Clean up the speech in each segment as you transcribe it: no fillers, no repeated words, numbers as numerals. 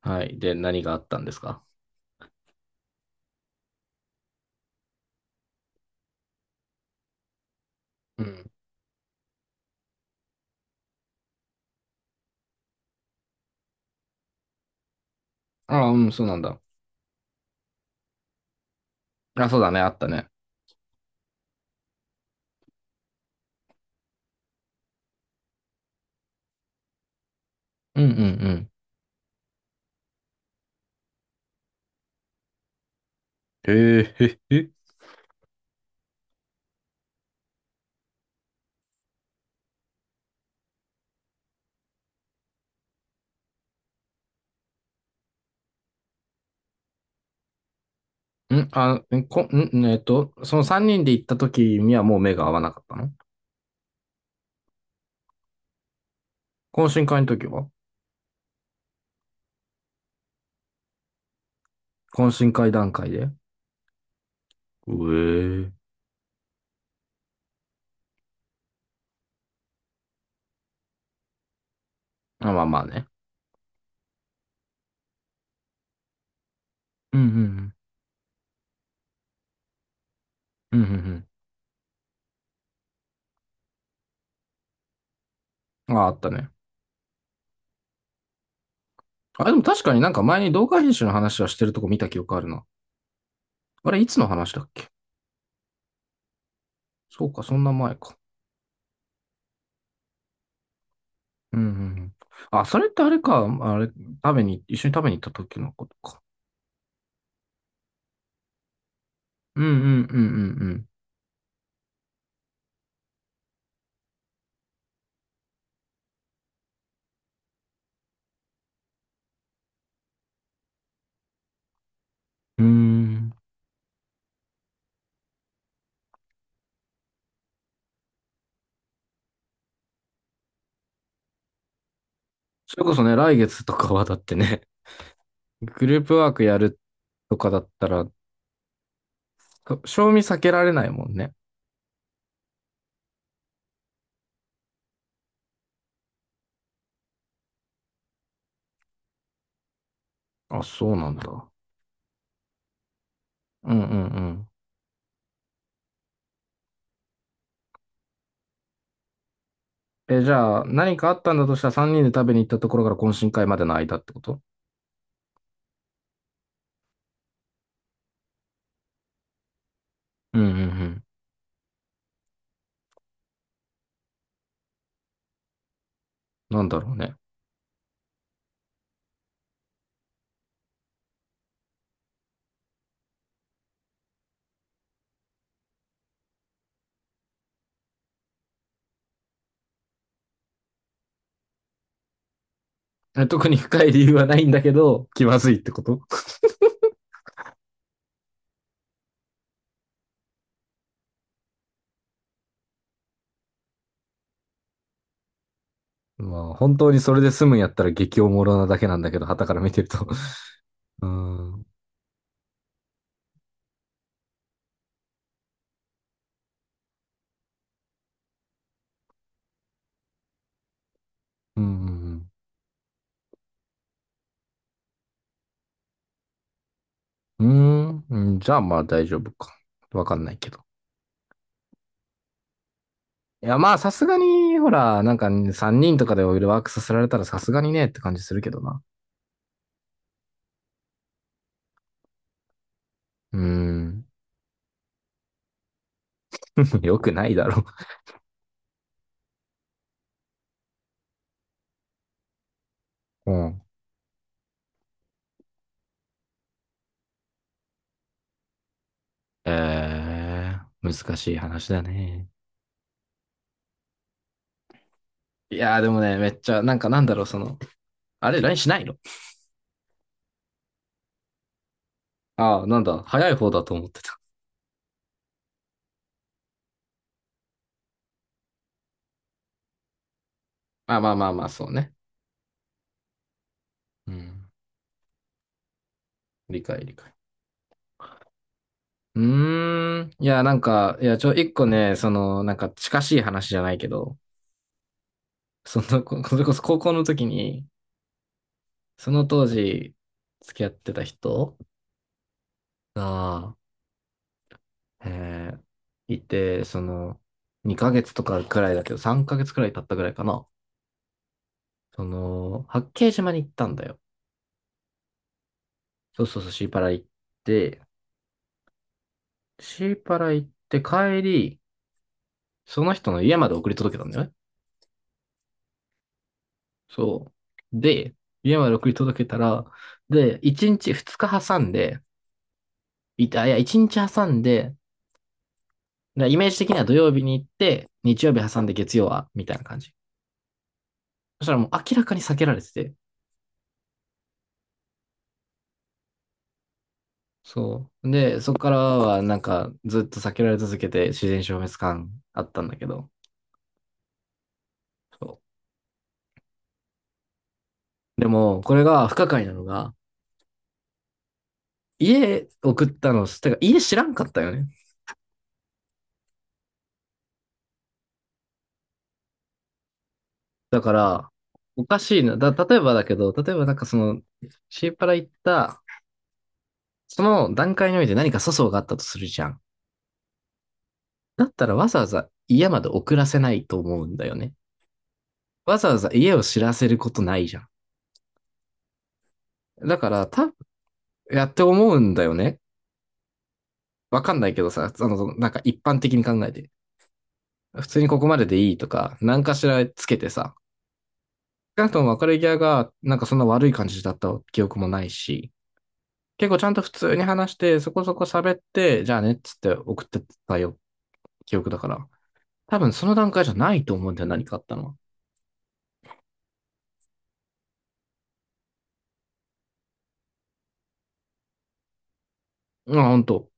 はい。で、何があったんですか？うん。ああ、うん、そうなんだ。あ、そうだね、あったね。うんうんうん。へえ、へへへ。うん。あ、んこ、ん、えっと、その3人で行った時にはもう目が合わなかったの？懇親会の時は？懇親会段階で？うえあ、まあまあね。うんうんうん。うんうんうん。あ、あったね。あ、でも確かになんか前に動画編集の話はしてるとこ見た記憶あるな。あれ、いつの話だっけ？そうか、そんな前か。うんうんうん。あ、それってあれか、あれ、食べに、一緒に食べに行った時のことか。うんうんうんうんうん。うーん。それこそね、来月とかはだってね、グループワークやるとかだったら、と賞味避けられないもんね。あ、そうなんだ。うんうんうん。え、じゃあ、何かあったんだとしたら3人で食べに行ったところから懇親会までの間ってこと？うんうんうん。なんだろうね。え、特に深い理由はないんだけど、気まずいってこと？まあ、本当にそれで済むんやったら激おもろなだけなんだけど、傍から見てると。 うーん。うん。うん。うんうん、じゃあまあ大丈夫か。わかんないけど。いや、まあさすがに、ほら、なんか3人とかでオイルワークさせられたらさすがにねって感じするけどな。うーん。よくないだろう。うん。え難しい話だね。いやーでもね、めっちゃ、なんかなんだろう、その、あれ、LINE しないの？ああ、なんだ、早い方だと思ってた。あ、まあまあまあ、そうね。うん。理解理解。うーん。いや、なんか、いや、一個ね、その、なんか近しい話じゃないけど、その、それこそ高校の時に、その当時、付き合ってた人が、えーいて、その、2ヶ月とかくらいだけど、3ヶ月くらい経ったくらいかな。その、八景島に行ったんだよ。そうそうそう、て、シーパラ行って帰り、その人の家まで送り届けたんだよね。そう。で、家まで送り届けたら、で、1日、2日挟んで、いや、1日挟んで、だからイメージ的には土曜日に行って、日曜日挟んで月曜は、みたいな感じ。そしたらもう明らかに避けられてて。そう。で、そこからはなんかずっと避けられ続けて自然消滅感あったんだけど。そう。でも、これが不可解なのが、家送ったの、てか家知らんかったよね。だから、おかしいな。例えばだけど、例えばなんかその、シーパラ行ったその段階において何か粗相があったとするじゃん。だったらわざわざ家まで送らせないと思うんだよね。わざわざ家を知らせることないじゃん。だから、やって思うんだよね。わかんないけどさ、あの、なんか一般的に考えて。普通にここまででいいとか、何かしらつけてさ。少なくとも別れ際が、なんかそんな悪い感じだった記憶もないし、結構ちゃんと普通に話して、そこそこ喋って、じゃあねっつって送ってたよ、記憶だから。多分その段階じゃないと思うんだよ、何かあったのは。うん、本当？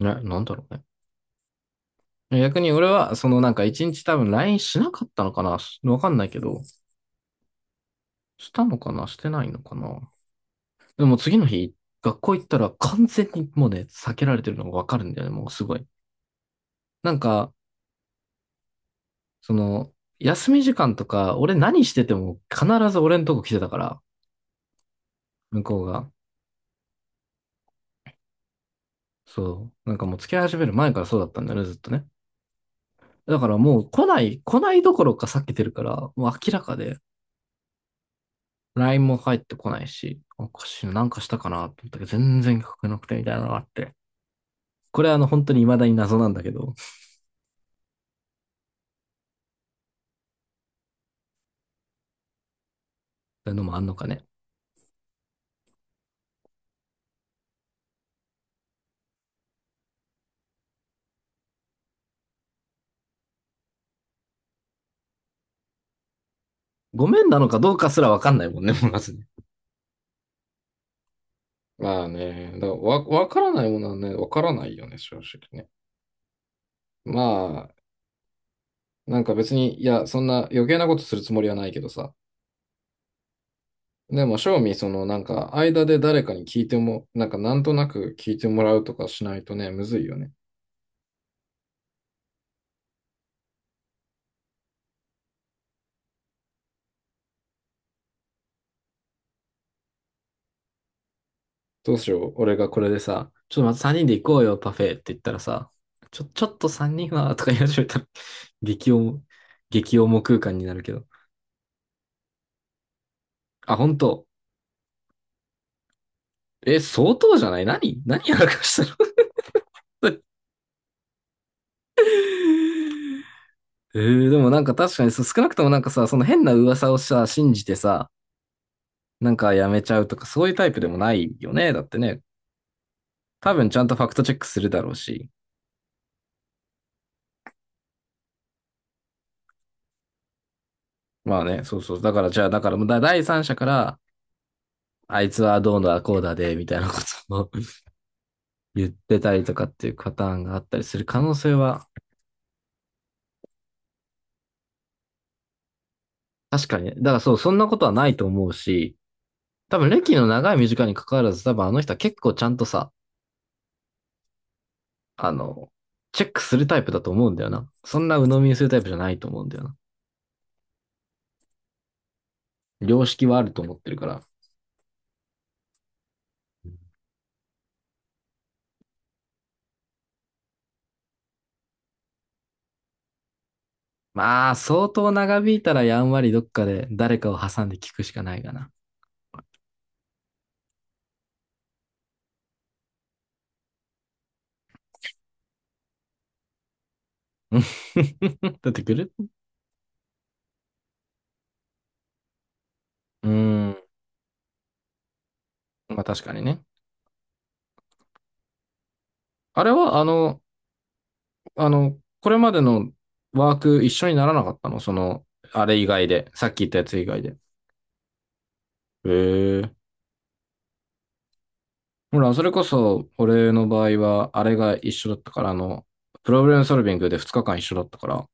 え、なんだろうね。逆に俺は、そのなんか一日多分 LINE しなかったのかな、し、わかんないけど、したのかな、してないのかな。でも次の日、学校行ったら完全にもうね、避けられてるのがわかるんだよね、もうすごい。なんか、その、休み時間とか、俺何してても必ず俺のとこ来てたから、向こうが。そう。なんかもう付き合い始める前からそうだったんだよね、ずっとね。だからもう来ない、来ないどころか避けてるから、もう明らかで。LINE も返ってこないし、おかしいな、なんかしたかなと思ったけど、全然書けなくてみたいなのがあって。これはあの、本当に未だに謎なんだけど、そういうのもあんのかね。ごめんなのかどうかすらわかんないもんね、まずね。まあね、だからわからないものはね、わからないよね、正直ね。まあ、なんか別に、いや、そんな余計なことするつもりはないけどさ。でも、正味、その、なんか、間で誰かに聞いても、なんか、なんとなく聞いてもらうとかしないとね、むずいよね。どうしよう。俺がこれでさ、ちょっとまた3人で行こうよ、パフェって言ったらさ、ちょっと3人は、とか言い始めたら、激重、激重空間になるけど。あ、本当？え、相当じゃない、何何やらかしたの？ でもなんか確かにそう、少なくともなんかさ、その変な噂をさ、信じてさ、なんかやめちゃうとか、そういうタイプでもないよね。だってね、多分ちゃんとファクトチェックするだろうし。まあね、そうそう。だからじゃあ、だからもう第三者から、あいつはどうだ、こうだで、みたいなことを言ってたりとかっていうパターンがあったりする可能性は？確かにね。だからそう、そんなことはないと思うし、多分歴の長い短いに関わらず、多分あの人は結構ちゃんとさ、あの、チェックするタイプだと思うんだよな。そんな鵜呑みにするタイプじゃないと思うんだよな。良識はあると思ってるから。まあ、相当長引いたらやんわりどっかで誰かを挟んで聞くしかないかな。出てくる。うーん。まあ確かにね。あれは、あの、これまでのワーク一緒にならなかったのその、あれ以外で、さっき言ったやつ以外で？へえ。ほら、それこそ、俺の場合は、あれが一緒だったから、あの、プロブレムソルビングで2日間一緒だったから。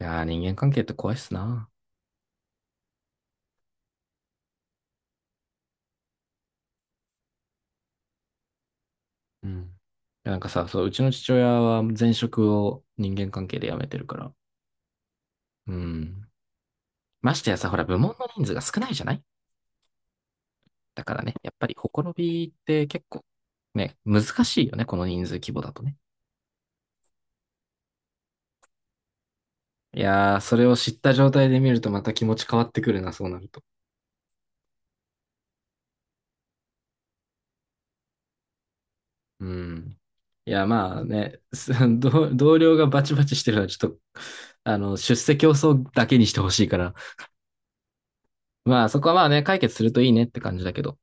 いやー、人間関係って怖いっすな。うん。いやなんかさ、そう、うちの父親は前職を人間関係で辞めてるから。うん。ましてやさ、ほら、部門の人数が少ないじゃない？だからね、やっぱり、ほころびって結構、ね、難しいよね、この人数規模だとね。いやー、それを知った状態で見るとまた気持ち変わってくるな、そうなると。うん。いや、まあね、同僚がバチバチしてるのはちょっと、あの、出世競争だけにしてほしいから。まあ、そこはまあね、解決するといいねって感じだけど。